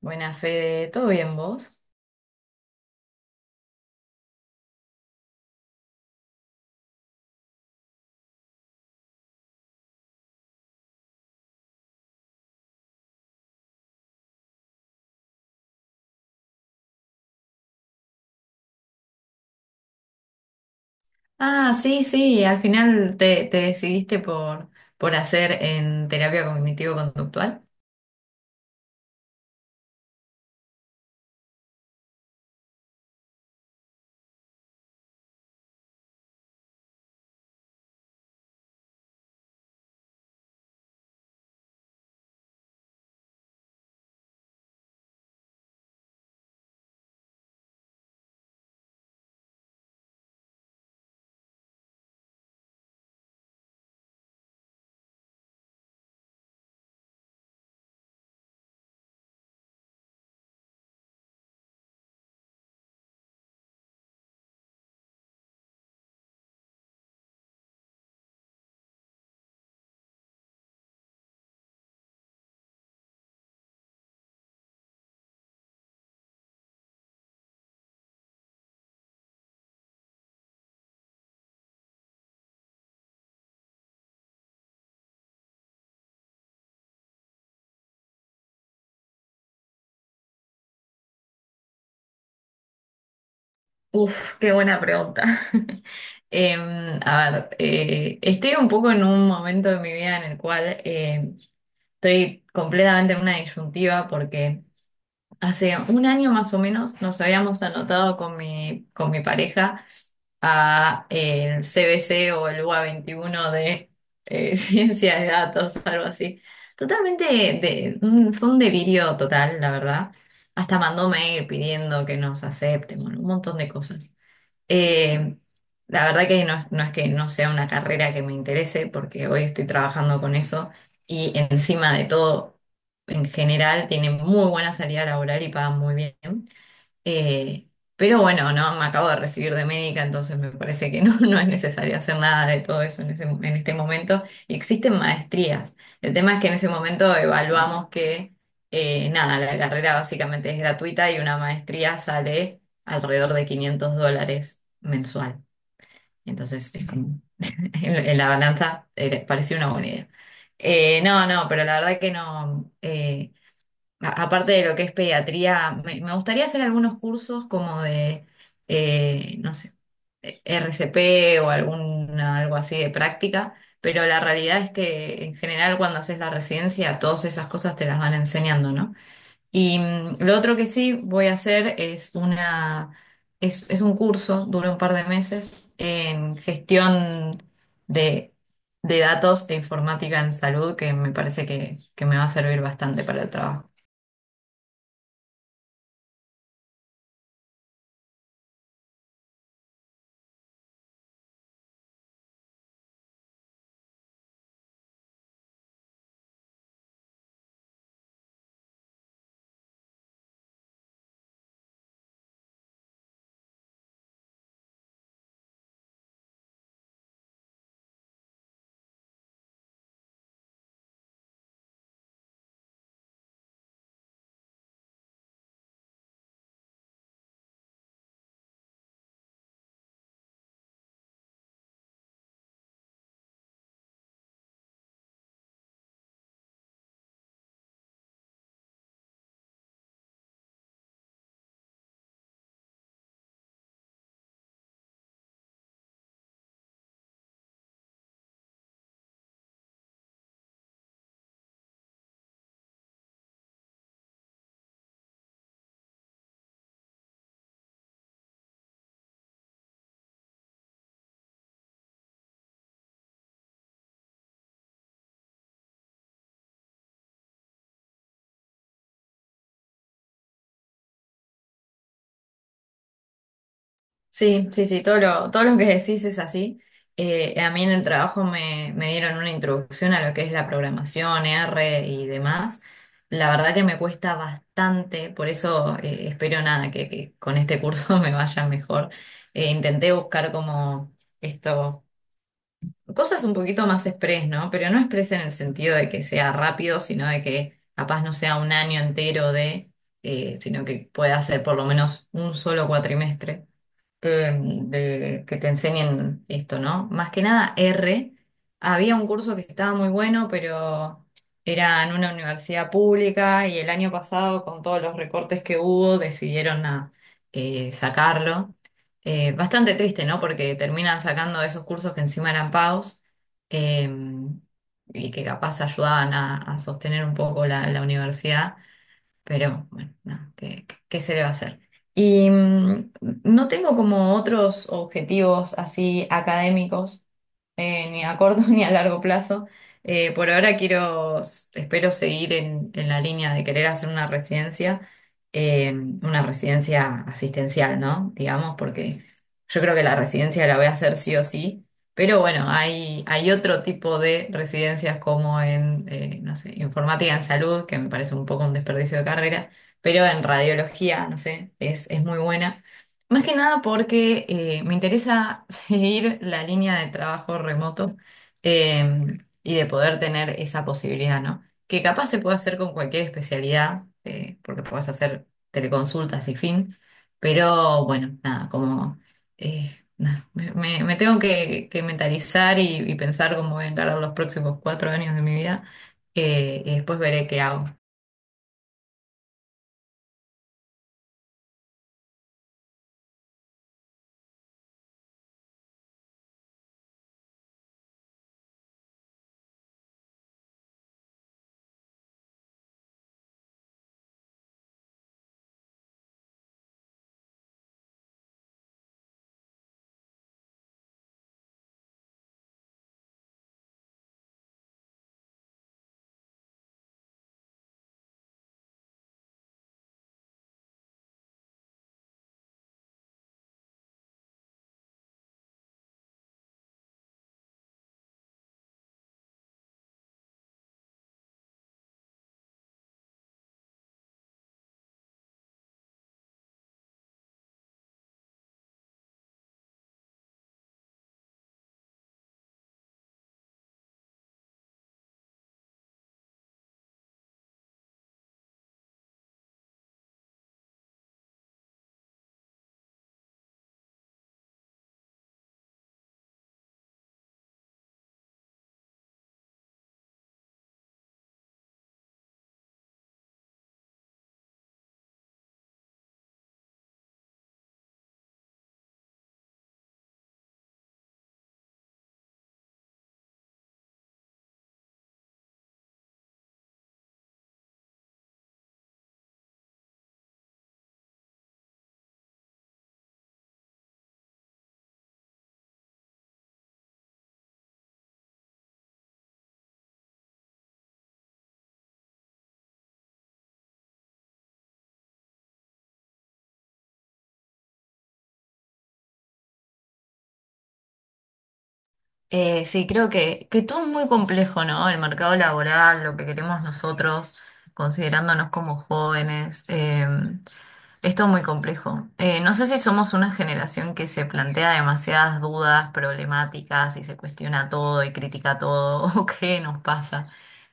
Buena Fede, ¿todo bien vos? Ah, sí, sí, al final te decidiste por hacer en terapia cognitivo-conductual. Uf, qué buena pregunta. A ver, estoy un poco en un momento de mi vida en el cual estoy completamente en una disyuntiva porque hace un año más o menos nos habíamos anotado con mi pareja a el CBC o el UA 21 de ciencia de datos, algo así. Totalmente, fue un delirio total, la verdad. Hasta mandó mail pidiendo que nos acepten, bueno, un montón de cosas. Eh, la verdad que no, no es que no sea una carrera que me interese, porque hoy estoy trabajando con eso y encima de todo, en general, tiene muy buena salida laboral y pagan muy bien. Eh, pero bueno, no, me acabo de recibir de médica, entonces me parece que no, no es necesario hacer nada de todo eso en ese, en este momento. Y existen maestrías. El tema es que en ese momento evaluamos que, nada, la carrera básicamente es gratuita y una maestría sale alrededor de $500 mensual. Entonces es como, en la balanza, parecía una buena idea. No, no, pero la verdad que no. Aparte de lo que es pediatría, me gustaría hacer algunos cursos como de, no sé, RCP o algún, algo así de práctica, pero la realidad es que en general cuando haces la residencia todas esas cosas te las van enseñando, ¿no? Y lo otro que sí voy a hacer es un curso, dura un par de meses, en gestión de, de datos e informática en salud, que me parece que me va a servir bastante para el trabajo. Sí, sí, sí, todo lo que decís es así. A mí en el trabajo me dieron una introducción a lo que es la programación, R y demás. La verdad que me cuesta bastante, por eso espero nada, que con este curso me vaya mejor. Intenté buscar como esto, cosas un poquito más express, ¿no? Pero no express en el sentido de que sea rápido, sino de que capaz no sea un año entero de, sino que pueda ser por lo menos un solo cuatrimestre eh, de que te enseñen esto, ¿no? Más que nada R. Había un curso que estaba muy bueno, pero era en una universidad pública y el año pasado, con todos los recortes que hubo, decidieron sacarlo. Bastante triste, ¿no? Porque terminan sacando esos cursos que encima eran pagos eh, y que capaz ayudaban a sostener un poco la universidad. Pero bueno, no, ¿qué se le va a hacer? Y no tengo como otros objetivos así académicos, ni a corto ni a largo plazo. Por ahora quiero, espero seguir en la línea de querer hacer eh, una residencia asistencial, ¿no? Digamos, porque yo creo que la residencia la voy a hacer sí o sí. Pero bueno, hay otro tipo de residencias como en, no sé, informática en salud, que me parece un poco un desperdicio de carrera, pero en radiología, no sé, es muy buena. Más que nada porque me interesa seguir la línea de trabajo remoto eh, y de poder tener esa posibilidad, ¿no? Que capaz se puede hacer con cualquier especialidad, porque puedes hacer teleconsultas y fin, pero bueno, nada, como nada, me tengo que mentalizar y pensar cómo voy a encarar los próximos 4 años de mi vida y después veré qué hago. Sí, creo que todo es muy complejo, ¿no? El mercado laboral, lo que queremos nosotros, considerándonos como jóvenes, es todo muy complejo. No sé si somos una generación que se plantea demasiadas dudas, problemáticas y se cuestiona todo y critica todo, o qué nos pasa.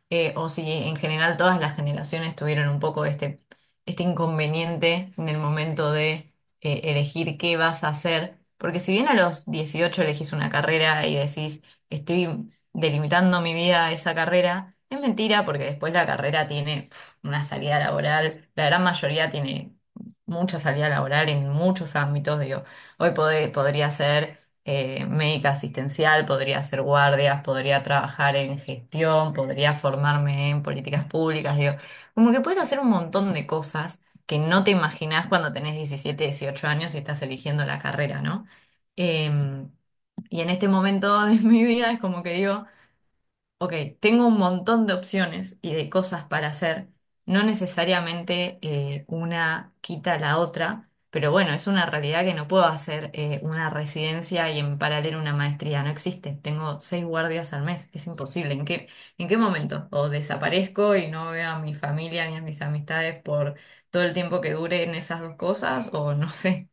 O si en general todas las generaciones tuvieron un poco este inconveniente en el momento de elegir qué vas a hacer, porque si bien a los 18 elegís una carrera y decís, estoy delimitando mi vida a esa carrera, es mentira porque después la carrera tiene una salida laboral, la gran mayoría tiene mucha salida laboral en muchos ámbitos, digo, hoy podría ser médica asistencial, podría hacer guardias, podría trabajar en gestión, podría formarme en políticas públicas, digo, como que puedes hacer un montón de cosas que no te imaginás cuando tenés 17 18 años y estás eligiendo la carrera, ¿no? Em, y en este momento de mi vida es como que digo, Ok, tengo un montón de opciones y de cosas para hacer. No necesariamente una quita la otra, pero bueno, es una realidad que no puedo hacer una residencia y en paralelo una maestría. No existe. Tengo seis guardias al mes. Es imposible. ¿En qué momento? O desaparezco y no veo a mi familia ni a mis amistades por todo el tiempo que duren esas dos cosas, o no sé.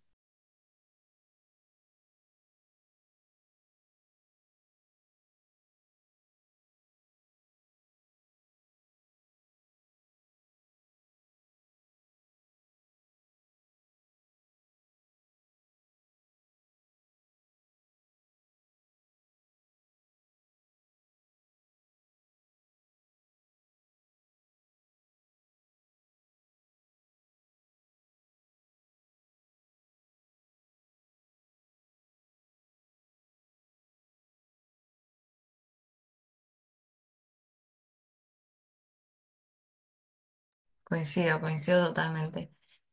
Coincido, coincido totalmente.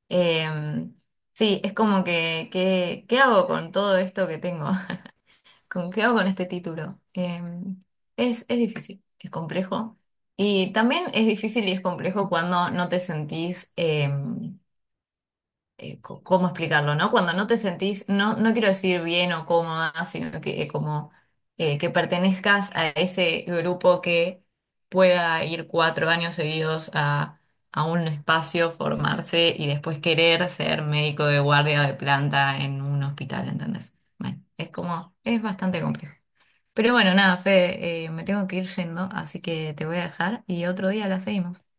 Em, sí, es como ¿qué hago con todo esto que tengo? ¿Con qué hago con este título? Es difícil, es complejo. Y también es difícil y es complejo cuando no te sentís ¿cómo explicarlo, no? Cuando no te sentís, no, no quiero decir bien o cómoda, sino que como que pertenezcas a ese grupo que pueda ir 4 años seguidos a un espacio, formarse y después querer ser médico de guardia de planta en un hospital, ¿entendés? Bueno, es como, es bastante complejo. Pero bueno, nada, Fede, me tengo que ir yendo, así que te voy a dejar y otro día la seguimos.